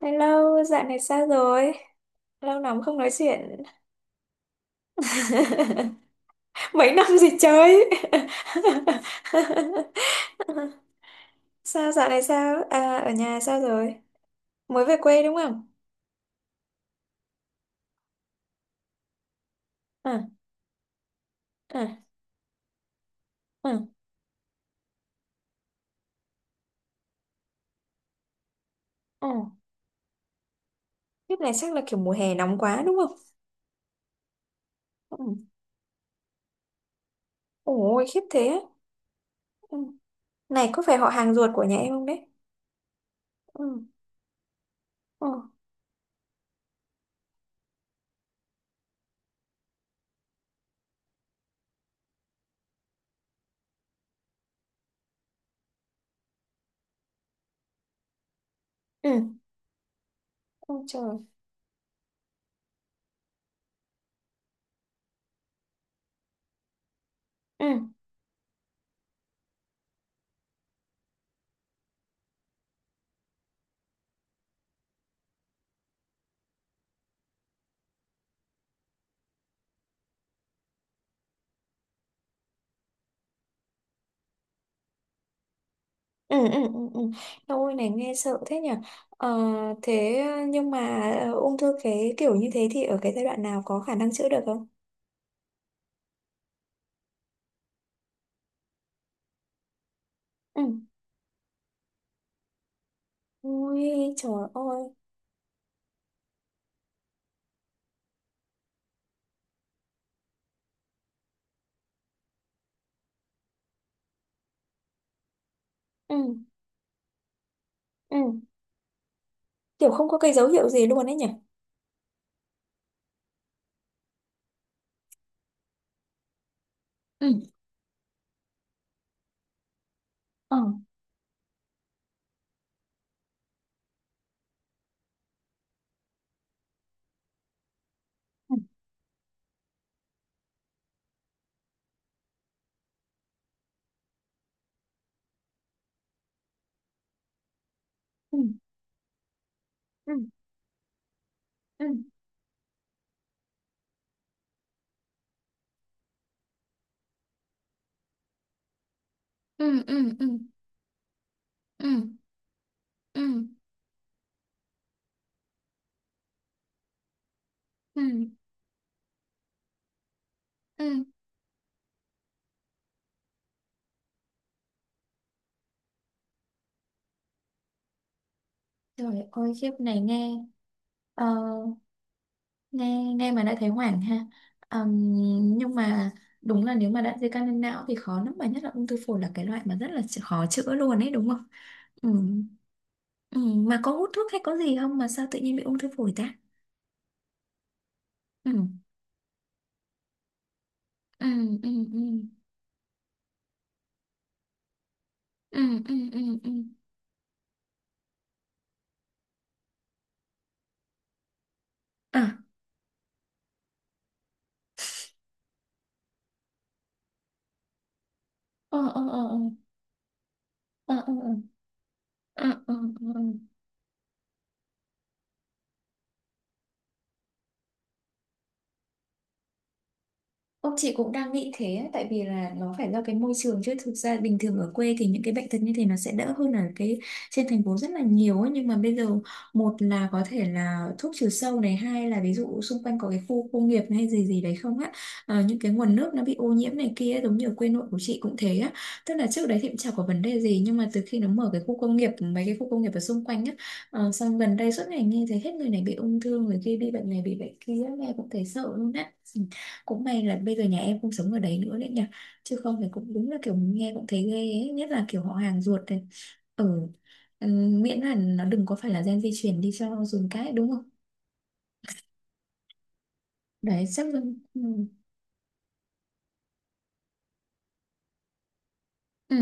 Hello, dạo này sao rồi? Lâu lắm không nói chuyện. Mấy năm gì chơi? Sao dạo này sao? À, ở nhà sao rồi? Mới về quê đúng không? À, à, à, à. Kiếp này chắc là kiểu mùa hè nóng quá đúng không? Ừ. Ôi, khiếp thế á. Ừ. Này, có phải họ hàng ruột của nhà em không đấy? Ừ, ừ, ừ. Ôi trời. Ừ. Ừ, ừ, ừ, ừ. Ôi này nghe sợ thế nhỉ. ờ, Thế nhưng mà ung thư cái kiểu như thế thì ở cái giai đoạn nào có khả năng chữa được không? Ừ. Ui trời ơi. Ừ, ừ. Kiểu không có cái dấu hiệu gì luôn ấy nhỉ. Ừ. Ờ, ừ, ừ, ừ, ừ. Ừ, ừ, ừ, ừ, ừ, ừ, ừ. Trời ơi, khiếp này nghe. ờ nghe mà đã thấy hoảng ha. Ừm, nhưng mà đúng là nếu mà đã di căn lên não thì khó lắm, mà nhất là ung thư phổi là cái loại mà rất là khó chữa luôn ấy đúng không? Ừm, mà có hút thuốc hay có gì không mà sao tự nhiên bị ung thư phổi ta? Ừm, ừm, ừm, ừm, ừm, ừm, ừm, ừm. À, ờ, ờ, ờ, ờ, ờ, ờ, ờ, ờ, ờ, ờ. Ờ. Ông chị cũng đang nghĩ thế ấy, tại vì là nó phải do cái môi trường chứ thực ra bình thường ở quê thì những cái bệnh tật như thế nó sẽ đỡ hơn ở cái trên thành phố rất là nhiều ấy. Nhưng mà bây giờ, một là có thể là thuốc trừ sâu này, hai là ví dụ xung quanh có cái khu công nghiệp hay gì gì đấy không á. Ờ, những cái nguồn nước nó bị ô nhiễm này kia ấy, giống như ở quê nội của chị cũng thế á, tức là trước đấy thì cũng chả có vấn đề gì nhưng mà từ khi nó mở cái khu công nghiệp, mấy cái khu công nghiệp ở xung quanh á, xong gần đây suốt ngày nghe thấy hết người này bị ung thư, người kia bị bệnh này bị bệnh kia, nghe cũng thấy sợ luôn á. Ừ. Cũng may là bây giờ nhà em không sống ở đấy nữa đấy nhỉ, chứ không thì cũng đúng là kiểu nghe cũng thấy ghê ấy, nhất là kiểu họ hàng ruột này. Ừ. Ừ, miễn là nó đừng có phải là gen di truyền đi cho dùn cái đúng không. Đấy chắc là ừ, ừ,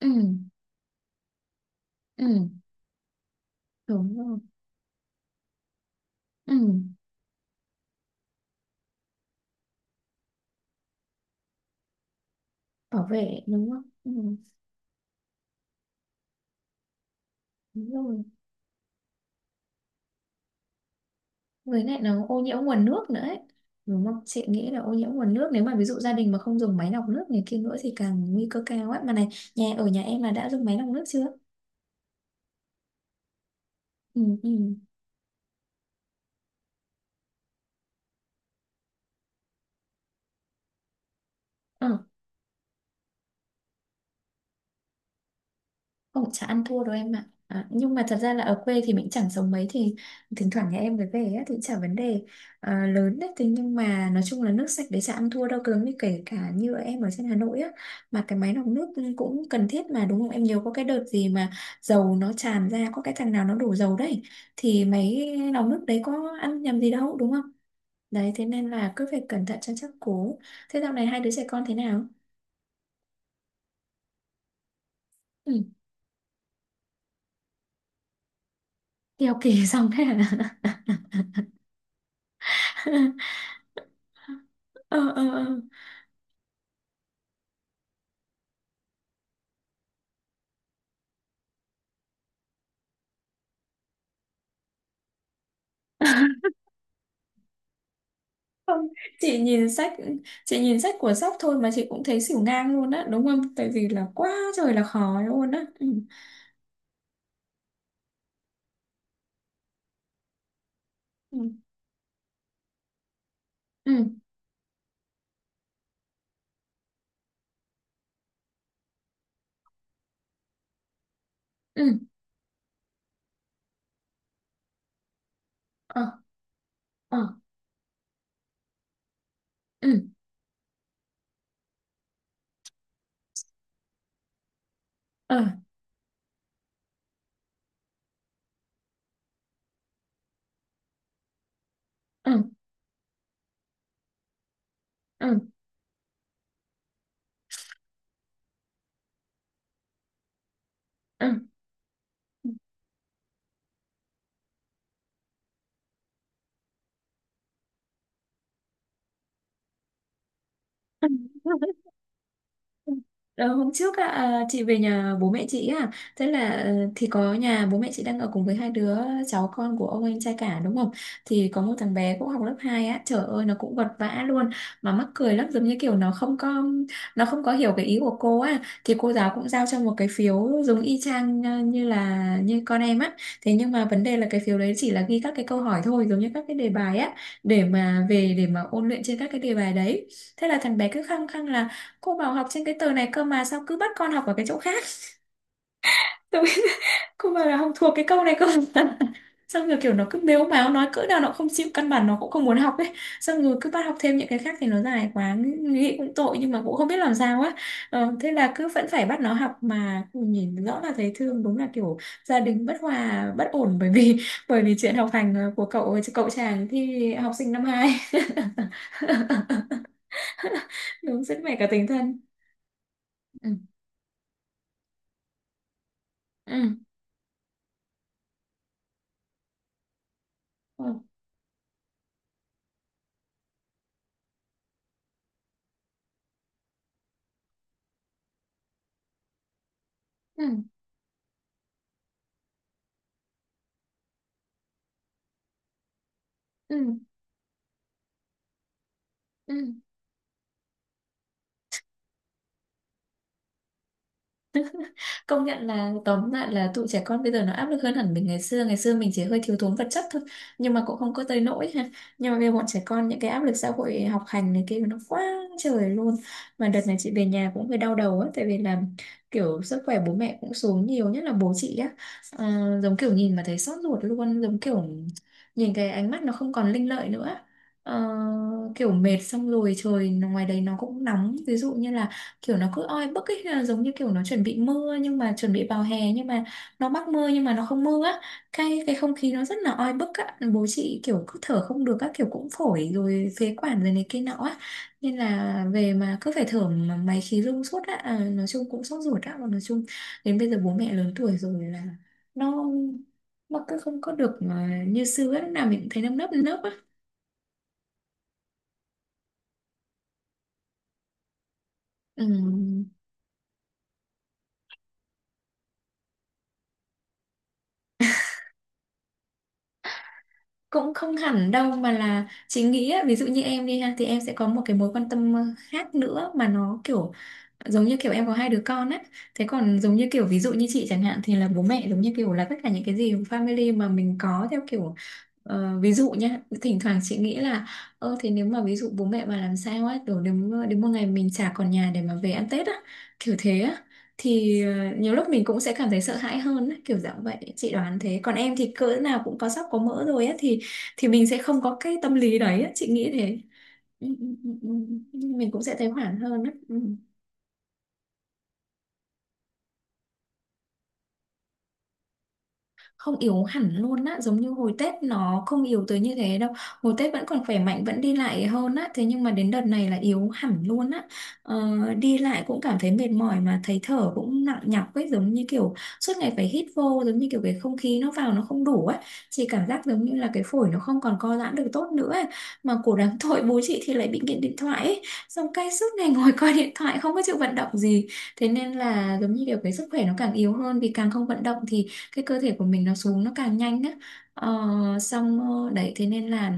ừ, ừ đúng rồi. Ừ, bảo vệ đúng không. Ừ, đúng rồi, với lại nó ô nhiễm nguồn nước nữa ấy, đúng không, chị nghĩ là ô nhiễm nguồn nước nếu mà ví dụ gia đình mà không dùng máy lọc nước này kia nữa thì càng nguy cơ cao ấy mà này. Ở nhà em là đã dùng máy lọc nước chưa? Ừ, ừ. Ờ, không, chả ăn thua đâu em ạ. À, nhưng mà thật ra là ở quê thì mình chẳng sống mấy, thì thỉnh thoảng nhà em mới về á, thì chả vấn đề lớn đấy. Thế nhưng mà nói chung là nước sạch đấy chả ăn thua đâu. Cứng như kể cả như em ở trên Hà Nội á, mà cái máy lọc nước cũng cần thiết mà đúng không? Em nhiều có cái đợt gì mà dầu nó tràn ra, có cái thằng nào nó đổ dầu đấy. Thì máy lọc nước đấy có ăn nhầm gì đâu đúng không? Đấy, thế nên là cứ phải cẩn thận cho chắc cố. Thế dạo này hai đứa trẻ con thế nào? Ừ, đi học kỳ xong thế à? Ờ, ờ, ờ. Không, chị nhìn sách chị nhìn sách của sóc thôi mà chị cũng thấy xỉu ngang luôn á, đúng không, tại vì là quá trời là khó luôn á. Ừ, ừ, ừ, ừ, ờ, ờ, ừ, ờ, ờ, ờ, ờ. Ờ, hôm trước á, chị về nhà bố mẹ chị, thế là thì có nhà bố mẹ chị đang ở cùng với hai đứa cháu, con của ông anh trai cả đúng không, thì có một thằng bé cũng học lớp 2 á, trời ơi nó cũng vật vã luôn, mà mắc cười lắm, giống như kiểu nó không có hiểu cái ý của cô á. Thì cô giáo cũng giao cho một cái phiếu giống y chang, như con em á, thế nhưng mà vấn đề là cái phiếu đấy chỉ là ghi các cái câu hỏi thôi, giống như các cái đề bài á, để mà về để mà ôn luyện trên các cái đề bài đấy. Thế là thằng bé cứ khăng khăng là cô bảo học trên cái tờ này cơ, mà sao cứ bắt con học ở cái chỗ khác, tôi cô bảo là không thuộc cái câu này cơ. Xong rồi kiểu nó cứ mếu máo, nói cỡ nào nó không chịu, căn bản nó cũng không muốn học ấy, xong rồi cứ bắt học thêm những cái khác thì nó dài quá, nghĩ cũng tội nhưng mà cũng không biết làm sao á. Thế là cứ vẫn phải bắt nó học mà nhìn rõ là thấy thương, đúng là kiểu gia đình bất hòa bất ổn bởi vì bởi vì chuyện học hành của cậu cậu chàng thì học sinh năm hai. Đúng, rất mẻ cả tình thân. Ừ. Ừ. Ừ. Ừ. Ừ, ừ. Công nhận là tóm lại là tụi trẻ con bây giờ nó áp lực hơn hẳn mình ngày xưa. Ngày xưa mình chỉ hơi thiếu thốn vật chất thôi, nhưng mà cũng không có tới nỗi ha. Nhưng mà bây giờ bọn trẻ con những cái áp lực xã hội, học hành này kia nó quá trời luôn. Mà đợt này chị về nhà cũng hơi đau đầu á, tại vì là kiểu sức khỏe bố mẹ cũng xuống nhiều, nhất là bố chị á, giống kiểu nhìn mà thấy xót ruột luôn, giống kiểu nhìn cái ánh mắt nó không còn linh lợi nữa. Ờ, kiểu mệt, xong rồi trời ngoài đấy nó cũng nóng, ví dụ như là kiểu nó cứ oi bức ấy, là giống như kiểu nó chuẩn bị mưa, nhưng mà chuẩn bị vào hè nhưng mà nó mắc mưa nhưng mà nó không mưa á, cái không khí nó rất là oi bức á, bố chị kiểu cứ thở không được các kiểu, cũng phổi rồi phế quản rồi này kia nọ á, nên là về mà cứ phải thở mà máy khí rung suốt á. Nói chung cũng sốt ruột á, và nói chung đến bây giờ bố mẹ lớn tuổi rồi là nó nó cứ không có được như xưa á, lúc nào mình cũng thấy nâm nấp nấp á. Ừ. Cũng không hẳn đâu mà, là chị nghĩ á, ví dụ như em đi ha thì em sẽ có một cái mối quan tâm khác nữa mà nó kiểu giống như kiểu em có hai đứa con á, thế còn giống như kiểu ví dụ như chị chẳng hạn thì là bố mẹ giống như kiểu là tất cả những cái gì family mà mình có, theo kiểu ví dụ nhá, thỉnh thoảng chị nghĩ là thế nếu mà ví dụ bố mẹ mà làm sao á, kiểu đến đến một ngày mình chả còn nhà để mà về ăn Tết á, kiểu thế á, thì nhiều lúc mình cũng sẽ cảm thấy sợ hãi hơn á, kiểu dạng vậy chị đoán thế, còn em thì cỡ nào cũng có sắp có mỡ rồi á, thì mình sẽ không có cái tâm lý đấy á, chị nghĩ thế. Ừ, ừ, ừ, ừ. Ừ. Mình cũng sẽ thấy hoảng hơn á. Ừ. Không, yếu hẳn luôn á, giống như hồi Tết nó không yếu tới như thế đâu, hồi Tết vẫn còn khỏe mạnh, vẫn đi lại hơn á, thế nhưng mà đến đợt này là yếu hẳn luôn á. ờ, Đi lại cũng cảm thấy mệt mỏi mà thấy thở cũng nặng nhọc ấy, giống như kiểu suốt ngày phải hít vô, giống như kiểu cái không khí nó vào nó không đủ ấy. Chị cảm giác giống như là cái phổi nó không còn co giãn được tốt nữa ấy. Mà cổ đáng tội bố chị thì lại bị nghiện điện thoại ấy, xong cái suốt ngày ngồi coi điện thoại không có chịu vận động gì. Thế nên là giống như kiểu cái sức khỏe nó càng yếu hơn, vì càng không vận động thì cái cơ thể của mình nó xuống nó càng nhanh á. ờ, xong Đấy thế nên là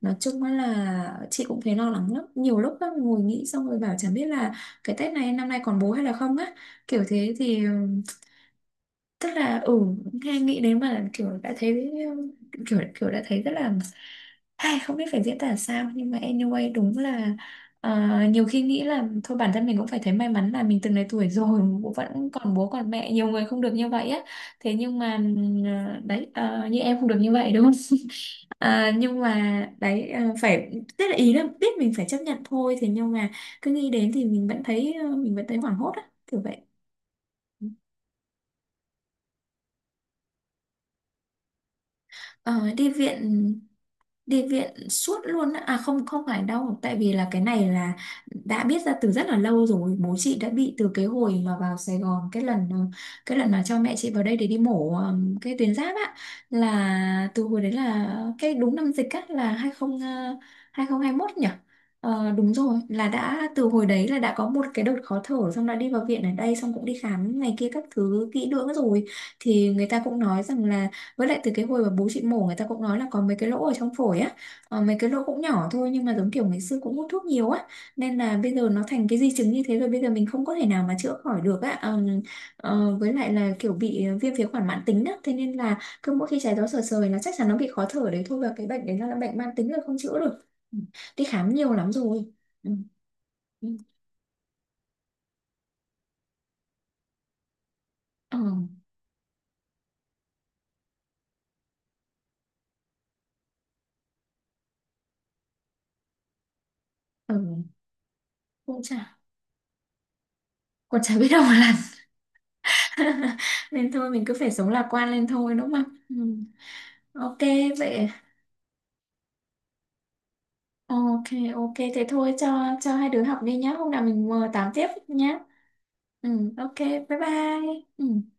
nói chung á là chị cũng thấy lo lắng lắm nhiều lúc á, ngồi nghĩ xong rồi bảo chẳng biết là cái Tết này năm nay còn bố hay là không á, kiểu thế thì tức là nghe nghĩ đến mà là kiểu đã thấy, kiểu kiểu đã thấy rất là, hay không biết phải diễn tả sao, nhưng mà anyway đúng là. ờ, Nhiều khi nghĩ là thôi bản thân mình cũng phải thấy may mắn là mình từng này tuổi rồi bố vẫn còn, bố còn mẹ, nhiều người không được như vậy á, thế nhưng mà đấy, như em không được như vậy đúng không. Ờ, nhưng mà đấy phải, tức là ý là biết mình phải chấp nhận thôi, thế nhưng mà cứ nghĩ đến thì mình vẫn thấy hoảng hốt á, kiểu vậy. Ờ, đi viện suốt luôn á. À, không, không phải đâu tại vì là cái này là đã biết ra từ rất là lâu rồi, bố chị đã bị từ cái hồi mà vào Sài Gòn, cái lần mà cho mẹ chị vào đây để đi mổ, cái tuyến giáp á, là từ hồi đấy là cái đúng năm dịch á, là ờ, 20 hai mốt nhỉ. Ờ, đúng rồi, là đã từ hồi đấy là đã có một cái đợt khó thở, xong đã đi vào viện ở đây xong cũng đi khám này kia các thứ kỹ lưỡng rồi, thì người ta cũng nói rằng là, với lại từ cái hồi mà bố chị mổ người ta cũng nói là có mấy cái lỗ ở trong phổi á, mấy cái lỗ cũng nhỏ thôi nhưng mà giống kiểu ngày xưa cũng hút thuốc nhiều á, nên là bây giờ nó thành cái di chứng như thế rồi, bây giờ mình không có thể nào mà chữa khỏi được á. Với lại là kiểu bị viêm phế quản mãn tính á, thế nên là cứ mỗi khi trái gió sờ sờ là chắc chắn nó bị khó thở đấy thôi, và cái bệnh đấy nó là bệnh mãn tính rồi không chữa được. Ừ. Đi khám nhiều lắm rồi. Ừ. Ừ. Ờ, ừ. Cũng chả, còn chả biết đâu mà làm. Nên thôi mình cứ phải sống lạc quan lên thôi đúng không. Ừ. OK vậy. Ờ, OK, ok, thế thôi cho hai đứa học đi nhá. Hôm nào mình tám tiếp nhá. Ừ, ok, bye bye. Ừ.